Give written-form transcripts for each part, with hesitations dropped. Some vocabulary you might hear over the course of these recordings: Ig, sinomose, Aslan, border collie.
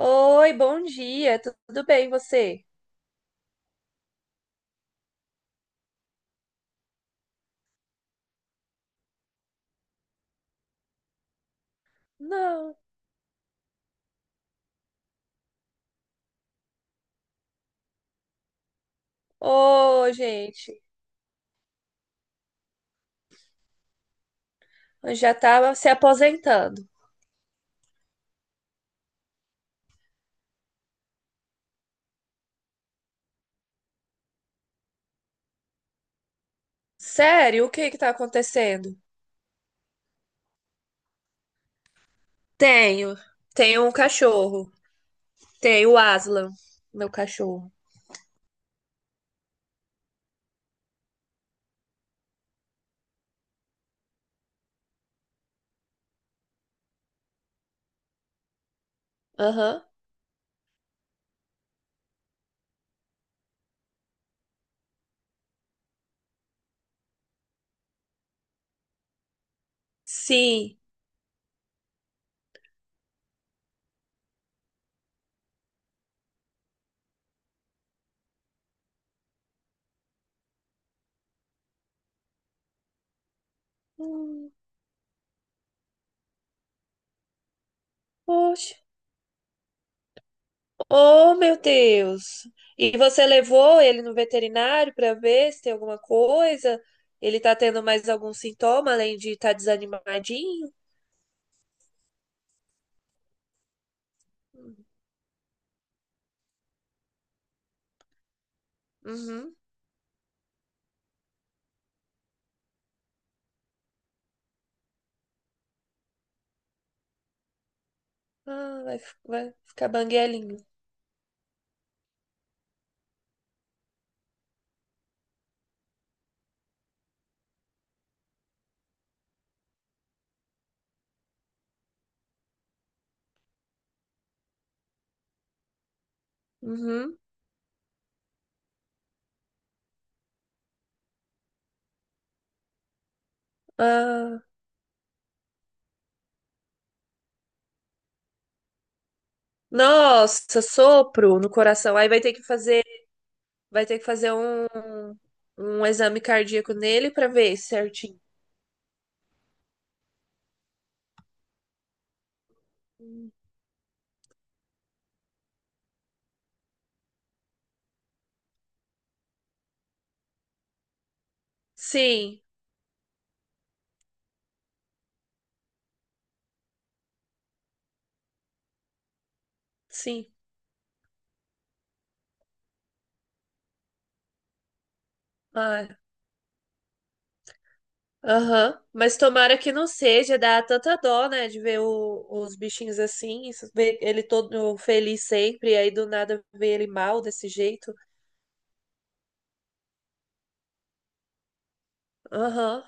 Oi, bom dia, tudo bem você? Não. Ô, gente, eu já tava se aposentando. Sério? O que que tá acontecendo? Tenho, tenho um cachorro. Tenho o Aslan, meu cachorro. Aham. Sim. Hum. Poxa. Oh, meu Deus. E você levou ele no veterinário pra ver se tem alguma coisa? Ele tá tendo mais algum sintoma além de estar tá desanimadinho? Uhum. Ah, vai, vai ficar banguelinho. Uhum. Ah. Nossa, sopro no coração. Aí vai ter que fazer, Vai ter que fazer um, um exame cardíaco nele pra ver certinho. Sim, sim. Ah, aham. Mas tomara que não seja, dá tanta dó, né, de ver os bichinhos assim, ver ele todo feliz sempre, e aí do nada ver ele mal desse jeito. Aham.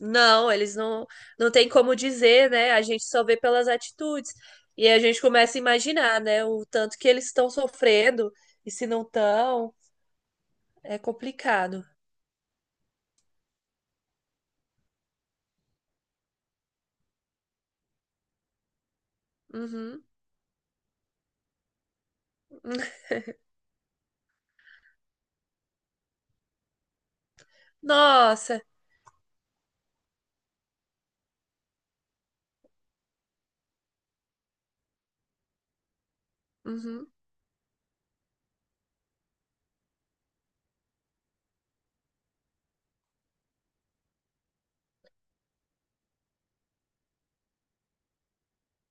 Não, eles não, não têm como dizer, né? A gente só vê pelas atitudes. E a gente começa a imaginar, né? O tanto que eles estão sofrendo e se não estão, é complicado. Uhum. Nossa. Uhum.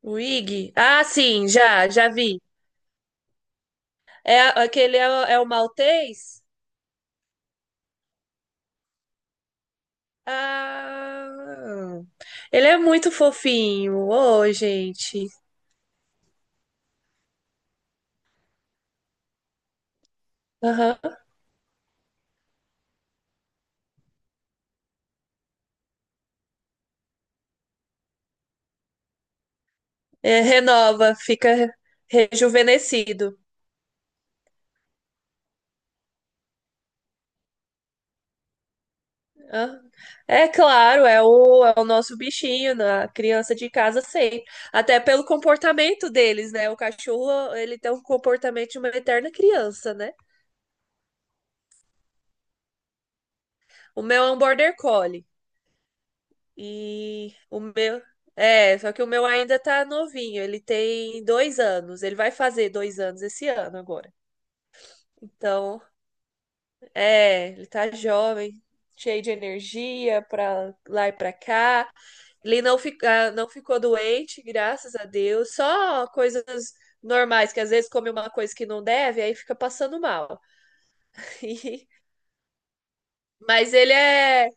O Ig? Ah, sim, já, já vi. Aquele é, é o maltês? Ah, ele é muito fofinho. Ô, gente. Aham. É, renova, fica rejuvenescido. Ah, é claro, é o, é o nosso bichinho, né? A criança de casa sempre. Até pelo comportamento deles, né? O cachorro, ele tem um comportamento de uma eterna criança, né? O meu é um border collie. E o meu. É, só que o meu ainda tá novinho. Ele tem dois anos. Ele vai fazer dois anos esse ano agora. Então, é, ele tá jovem, cheio de energia pra lá e pra cá. Ele não, fica, Não ficou doente, graças a Deus. Só coisas normais, que às vezes come uma coisa que não deve, aí fica passando mal. E- Mas ele é,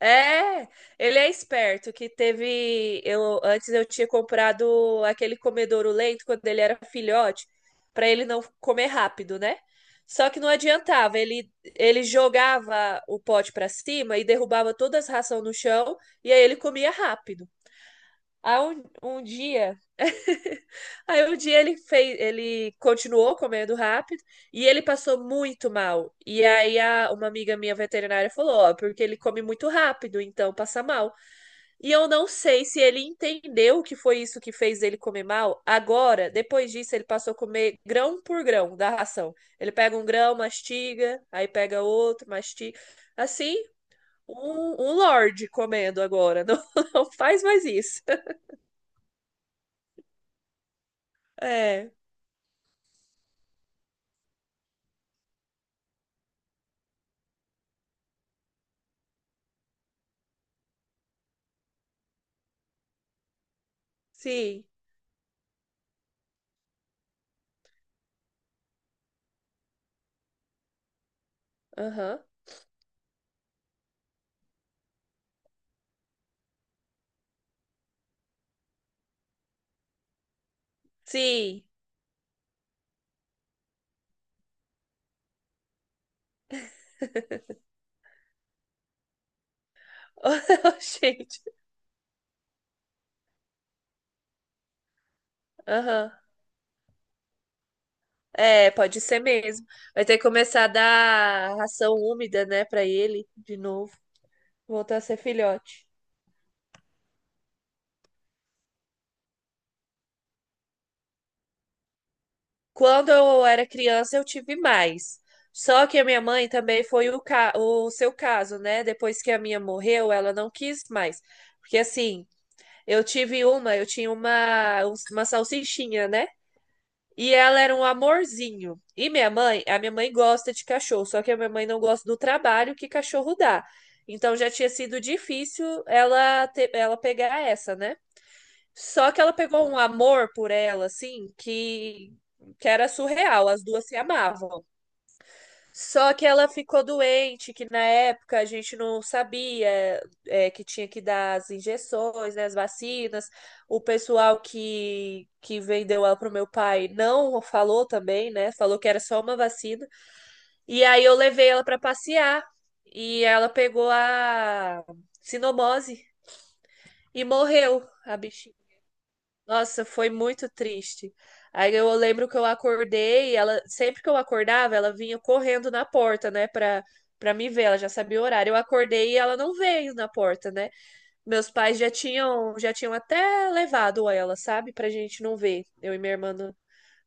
é, ele é esperto, que teve, eu tinha comprado aquele comedouro lento quando ele era filhote, para ele não comer rápido, né? Só que não adiantava, ele jogava o pote para cima e derrubava todas as ração no chão, e aí ele comia rápido. Aí um, um dia Aí um dia ele continuou comendo rápido e ele passou muito mal. E aí uma amiga minha veterinária falou, ó, porque ele come muito rápido, então passa mal. E eu não sei se ele entendeu que foi isso que fez ele comer mal. Agora, depois disso, ele passou a comer grão por grão da ração. Ele pega um grão, mastiga, aí pega outro, mastiga. Assim, um lorde comendo agora. Não, não faz mais isso. É, sim. Aham. Sim. Gente. Aham. É, pode ser mesmo. Vai ter que começar a dar ração úmida, né, pra ele de novo. Voltar a ser filhote. Quando eu era criança, eu tive mais. Só que a minha mãe também foi o, ca... o seu caso, né? Depois que a minha morreu, ela não quis mais. Porque assim, eu tinha uma salsichinha, né? E ela era um amorzinho. E minha mãe, a minha mãe gosta de cachorro, só que a minha mãe não gosta do trabalho que cachorro dá. Então já tinha sido difícil ela pegar essa, né? Só que ela pegou um amor por ela, assim, que era surreal. As duas se amavam. Só que ela ficou doente, que na época a gente não sabia é, que tinha que dar as injeções, né, as vacinas. O pessoal que vendeu ela pro meu pai não falou também, né? Falou que era só uma vacina. E aí eu levei ela para passear e ela pegou a sinomose e morreu a bichinha. Nossa, foi muito triste. Aí eu lembro que eu acordei, ela sempre que eu acordava, ela vinha correndo na porta, né, pra me ver, ela já sabia o horário. Eu acordei e ela não veio na porta, né? Meus pais já tinham até levado ela, sabe, pra gente não ver. Eu e minha irmã não,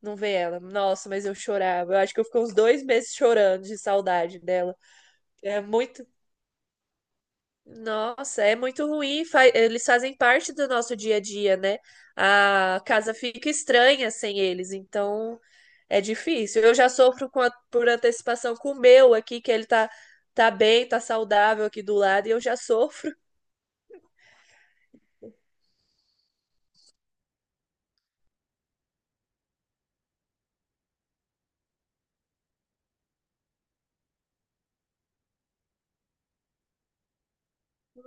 Não ver ela. Nossa, mas eu chorava. Eu acho que eu fiquei uns dois meses chorando de saudade dela. É muito, nossa, é muito ruim. Eles fazem parte do nosso dia a dia, né? A casa fica estranha sem eles, então é difícil. Eu já sofro com por antecipação com o meu aqui, que ele tá, tá bem, tá saudável aqui do lado, e eu já sofro.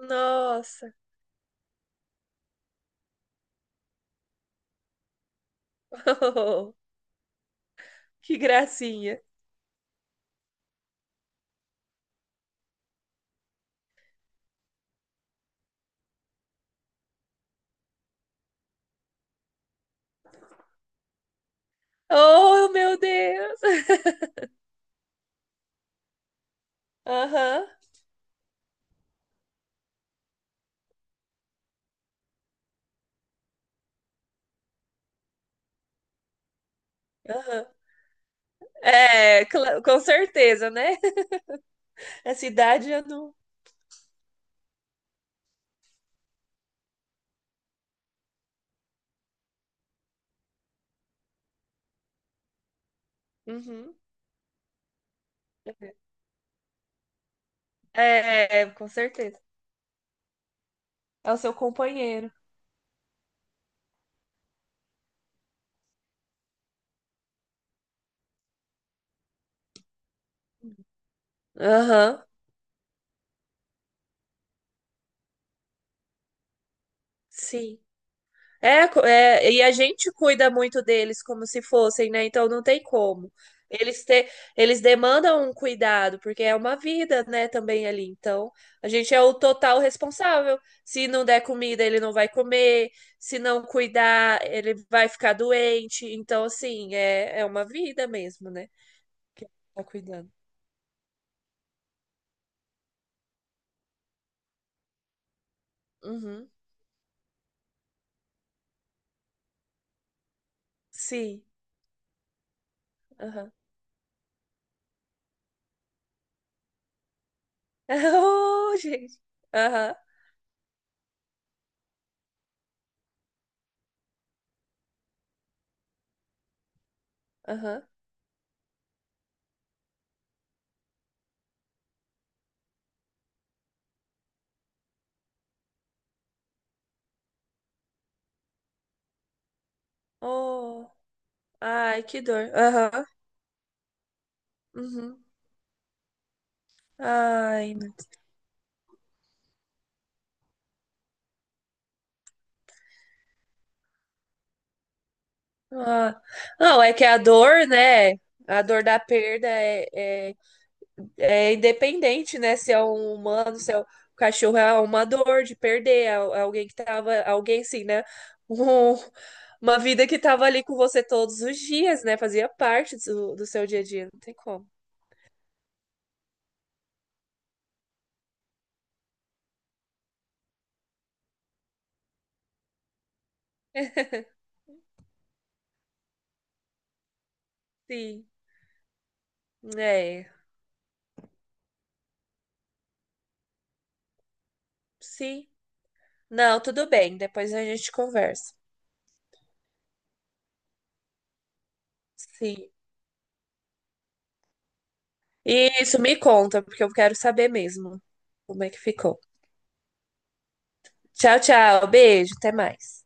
Nossa, que gracinha. Oh, meu Deus! Aham, aham. É, com certeza, né? Essa idade eu não. Uhum. É, é, com certeza. É o seu companheiro. Aham, sim. É, é, e a gente cuida muito deles como se fossem, né? Então não tem como. Eles, te, eles demandam um cuidado, porque é uma vida, né, também ali. Então, a gente é o total responsável. Se não der comida, ele não vai comer. Se não cuidar, ele vai ficar doente. Então, assim, é, é uma vida mesmo, né? Que tá cuidando. Uhum. Sim. Aham. Oh, gente. Aham. Aham. Oh, ai, que dor. Aham. Uhum. Ai, meu- ah. Não, é que a dor, né? A dor da perda é, é, é independente, né? Se é um humano, se é um cachorro, é uma dor de perder é alguém que tava, alguém sim, né? Um- uma vida que tava ali com você todos os dias, né? Fazia parte do, do seu dia a dia, não tem como. Sim, é, sim. Não, tudo bem, depois a gente conversa. Sim. Isso, me conta, porque eu quero saber mesmo como é que ficou. Tchau, tchau. Beijo, até mais.